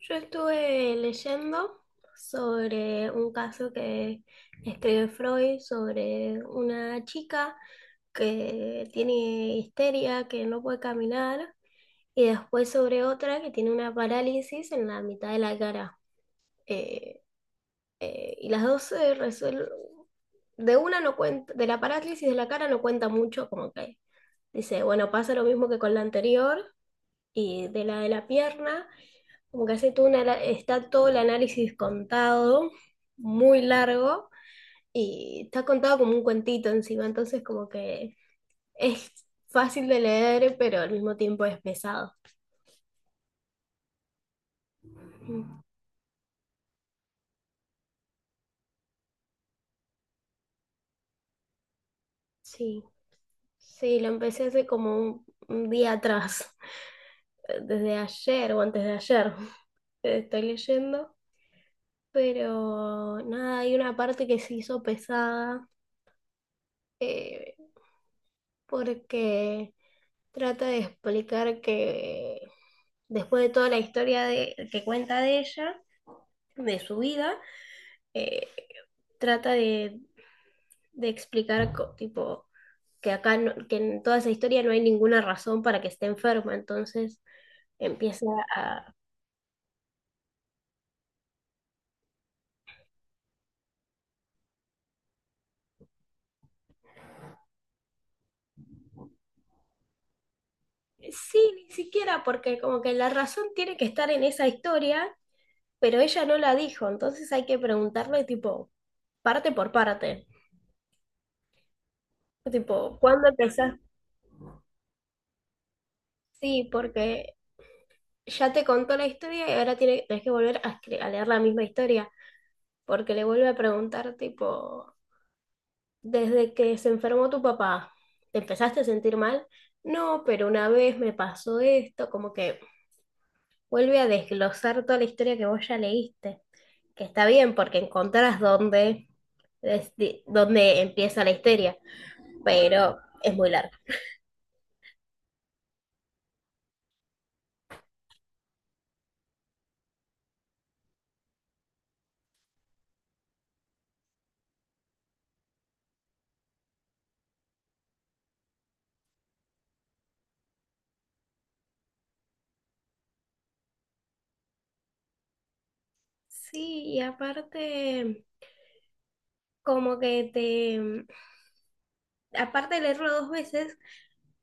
Yo estuve leyendo sobre un caso que escribió Freud sobre una chica que tiene histeria, que no puede caminar, y después sobre otra que tiene una parálisis en la mitad de la cara. Eh, y las dos se resuelven. De una no cuenta, de la parálisis de la cara no cuenta mucho, como que dice, bueno, pasa lo mismo que con la anterior y de la pierna. Como que hace está todo el análisis contado, muy largo, y está contado como un cuentito encima, entonces como que es fácil de leer, pero al mismo tiempo es pesado. Mm. Sí, sí, lo empecé hace como un día atrás, desde ayer o antes de ayer, estoy leyendo, pero nada, hay una parte que se hizo pesada, eh, porque... trata de explicar que después de toda la historia de, que cuenta de ella, de su vida, eh, trata de explicar tipo que acá no- que en toda esa historia no hay ninguna razón para que esté enferma, entonces empieza a sí, ni siquiera porque como que la razón tiene que estar en esa historia, pero ella no la dijo, entonces hay que preguntarle tipo parte por parte, tipo, ¿cuándo empezás? Sí, porque ya te contó la historia y ahora tenés que volver a, a leer la misma historia, porque le vuelve a preguntar, tipo, desde que se enfermó tu papá, ¿te empezaste a sentir mal? No, pero una vez me pasó esto, como que vuelve a desglosar toda la historia que vos ya leíste, que está bien porque encontrás dónde, dónde empieza la historia, pero es muy larga. Sí, y aparte... como que aparte de leerlo dos veces,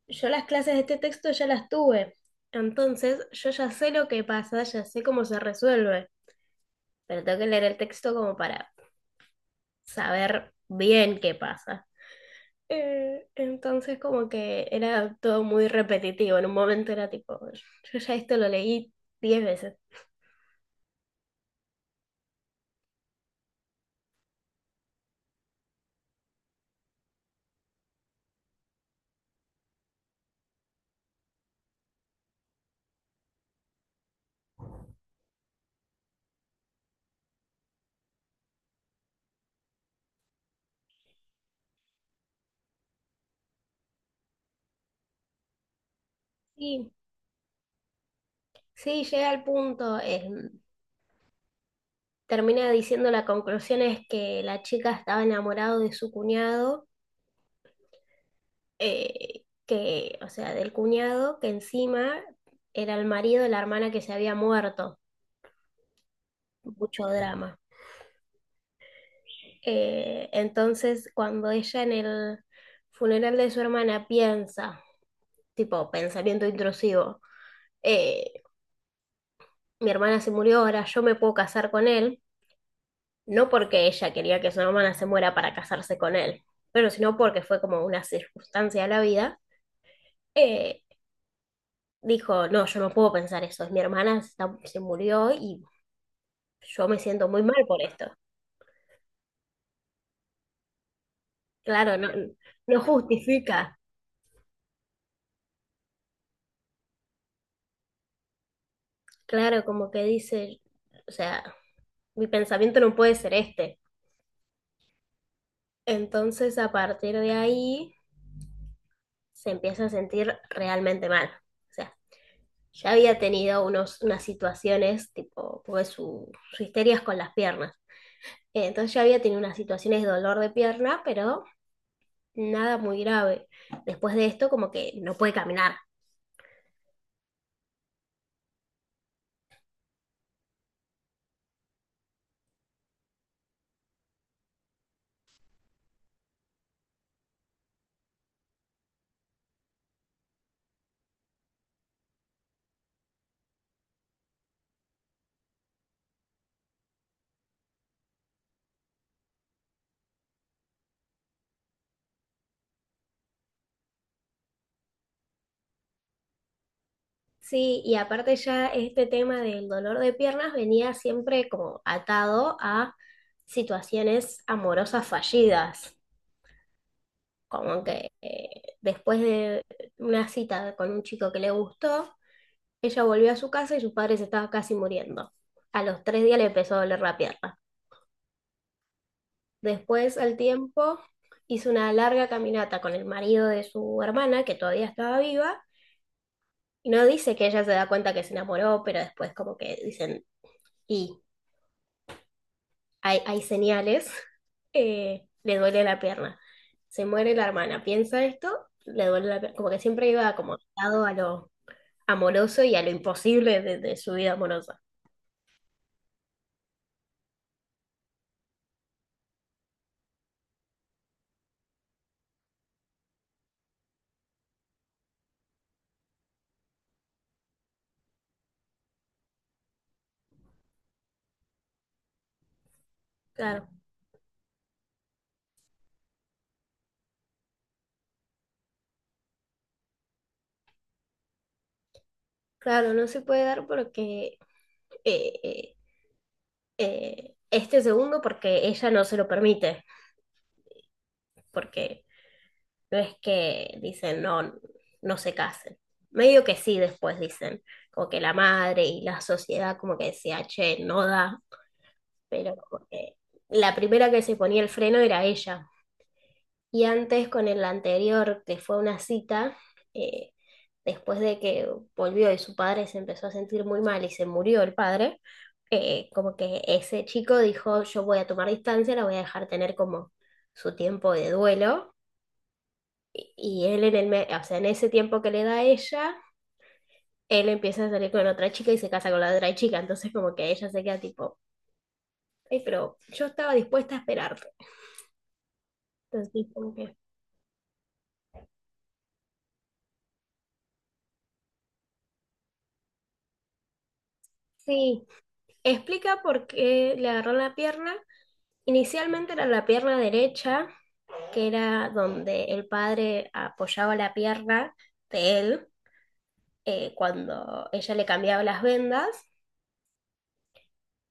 yo las clases de este texto ya las tuve. Entonces, yo ya sé lo que pasa, ya sé cómo se resuelve, pero tengo que leer el texto como para saber bien qué pasa. Entonces, como que era todo muy repetitivo. En un momento era tipo, yo ya esto lo leí 10 veces. Sí, sí, llegué al punto. Termina diciendo, la conclusión es que la chica estaba enamorada de su cuñado, que, o sea, del cuñado, que encima era el marido de la hermana que se había muerto. Mucho drama. Entonces, cuando ella en el funeral de su hermana piensa, tipo pensamiento intrusivo, eh, mi hermana se murió, ahora yo me puedo casar con él. No porque ella quería que su hermana se muera para casarse con él, pero sino porque fue como una circunstancia de la vida. eh, Dijo, no, yo no puedo pensar eso, es mi hermana se está- se murió y yo me siento muy mal por esto. Claro, no, no justifica. Claro, como que dice, o sea, mi pensamiento no puede ser este. Entonces, a partir de ahí, se empieza a sentir realmente mal. O sea, ya había tenido unas situaciones, tipo, pues su histeria es con las piernas. Entonces ya había tenido unas situaciones de dolor de pierna, pero nada muy grave. Después de esto, como que no puede caminar. Sí, y aparte ya este tema del dolor de piernas venía siempre como atado a situaciones amorosas fallidas, como que después de una cita con un chico que le gustó, ella volvió a su casa y sus padres estaba casi muriendo. A los 3 días le empezó a doler la pierna. Después, al tiempo, hizo una larga caminata con el marido de su hermana, que todavía estaba viva, y no dice que ella se da cuenta que se enamoró, pero después como que dicen, y... hay señales, le duele la pierna. Se muere la hermana, piensa esto, le duele la pierna. Como que siempre iba como atado a lo amoroso y a lo imposible de su vida amorosa. Claro, claro, no se puede dar porque eh, eh, este segundo, porque ella no se lo permite, porque no es que dicen no, no se casen. Medio que sí, después dicen, como que la madre y la sociedad como que decía, che, no da, pero como que la primera que se ponía el freno era ella. Y antes con el anterior, que fue una cita, eh, después de que volvió y su padre se empezó a sentir muy mal y se murió el padre, como que ese chico dijo, yo voy a tomar distancia, la voy a dejar tener como su tiempo de duelo. Y él en o sea, en ese tiempo que le da a ella, él empieza a salir con otra chica y se casa con la otra chica. Entonces como que ella se queda tipo, ay, pero yo estaba dispuesta a esperarte. Entonces como que sí, explica por qué le agarró la pierna. Inicialmente era la pierna derecha, que era donde el padre apoyaba la pierna de él, cuando ella le cambiaba las vendas,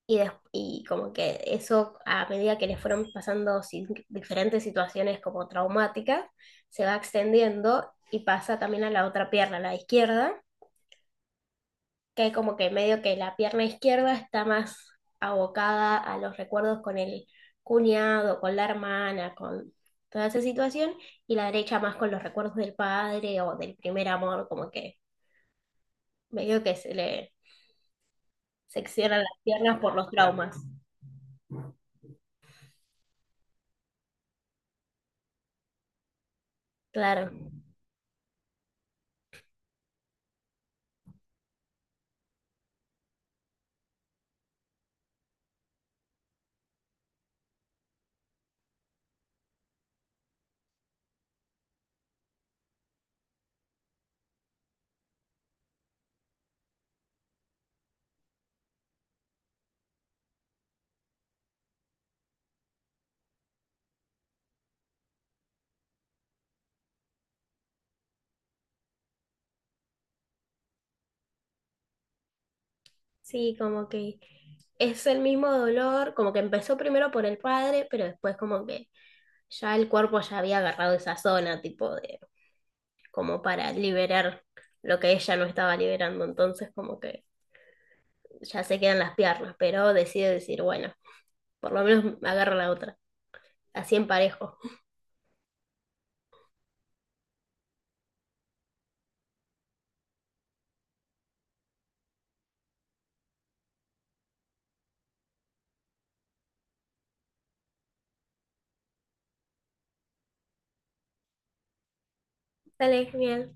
y como que eso a medida que le fueron pasando diferentes situaciones como traumáticas, se va extendiendo y pasa también a la otra pierna, a la izquierda, que como que medio que la pierna izquierda está más abocada a los recuerdos con el cuñado, con la hermana, con toda esa situación, y la derecha más con los recuerdos del padre o del primer amor, como que medio que se le seccionan las piernas por los traumas. Claro, sí, como que es el mismo dolor, como que empezó primero por el padre, pero después como que ya el cuerpo ya había agarrado esa zona, tipo, de como para liberar lo que ella no estaba liberando, entonces como que ya se quedan las piernas, pero decide decir, bueno, por lo menos agarra la otra, así en parejo. Dale, genial.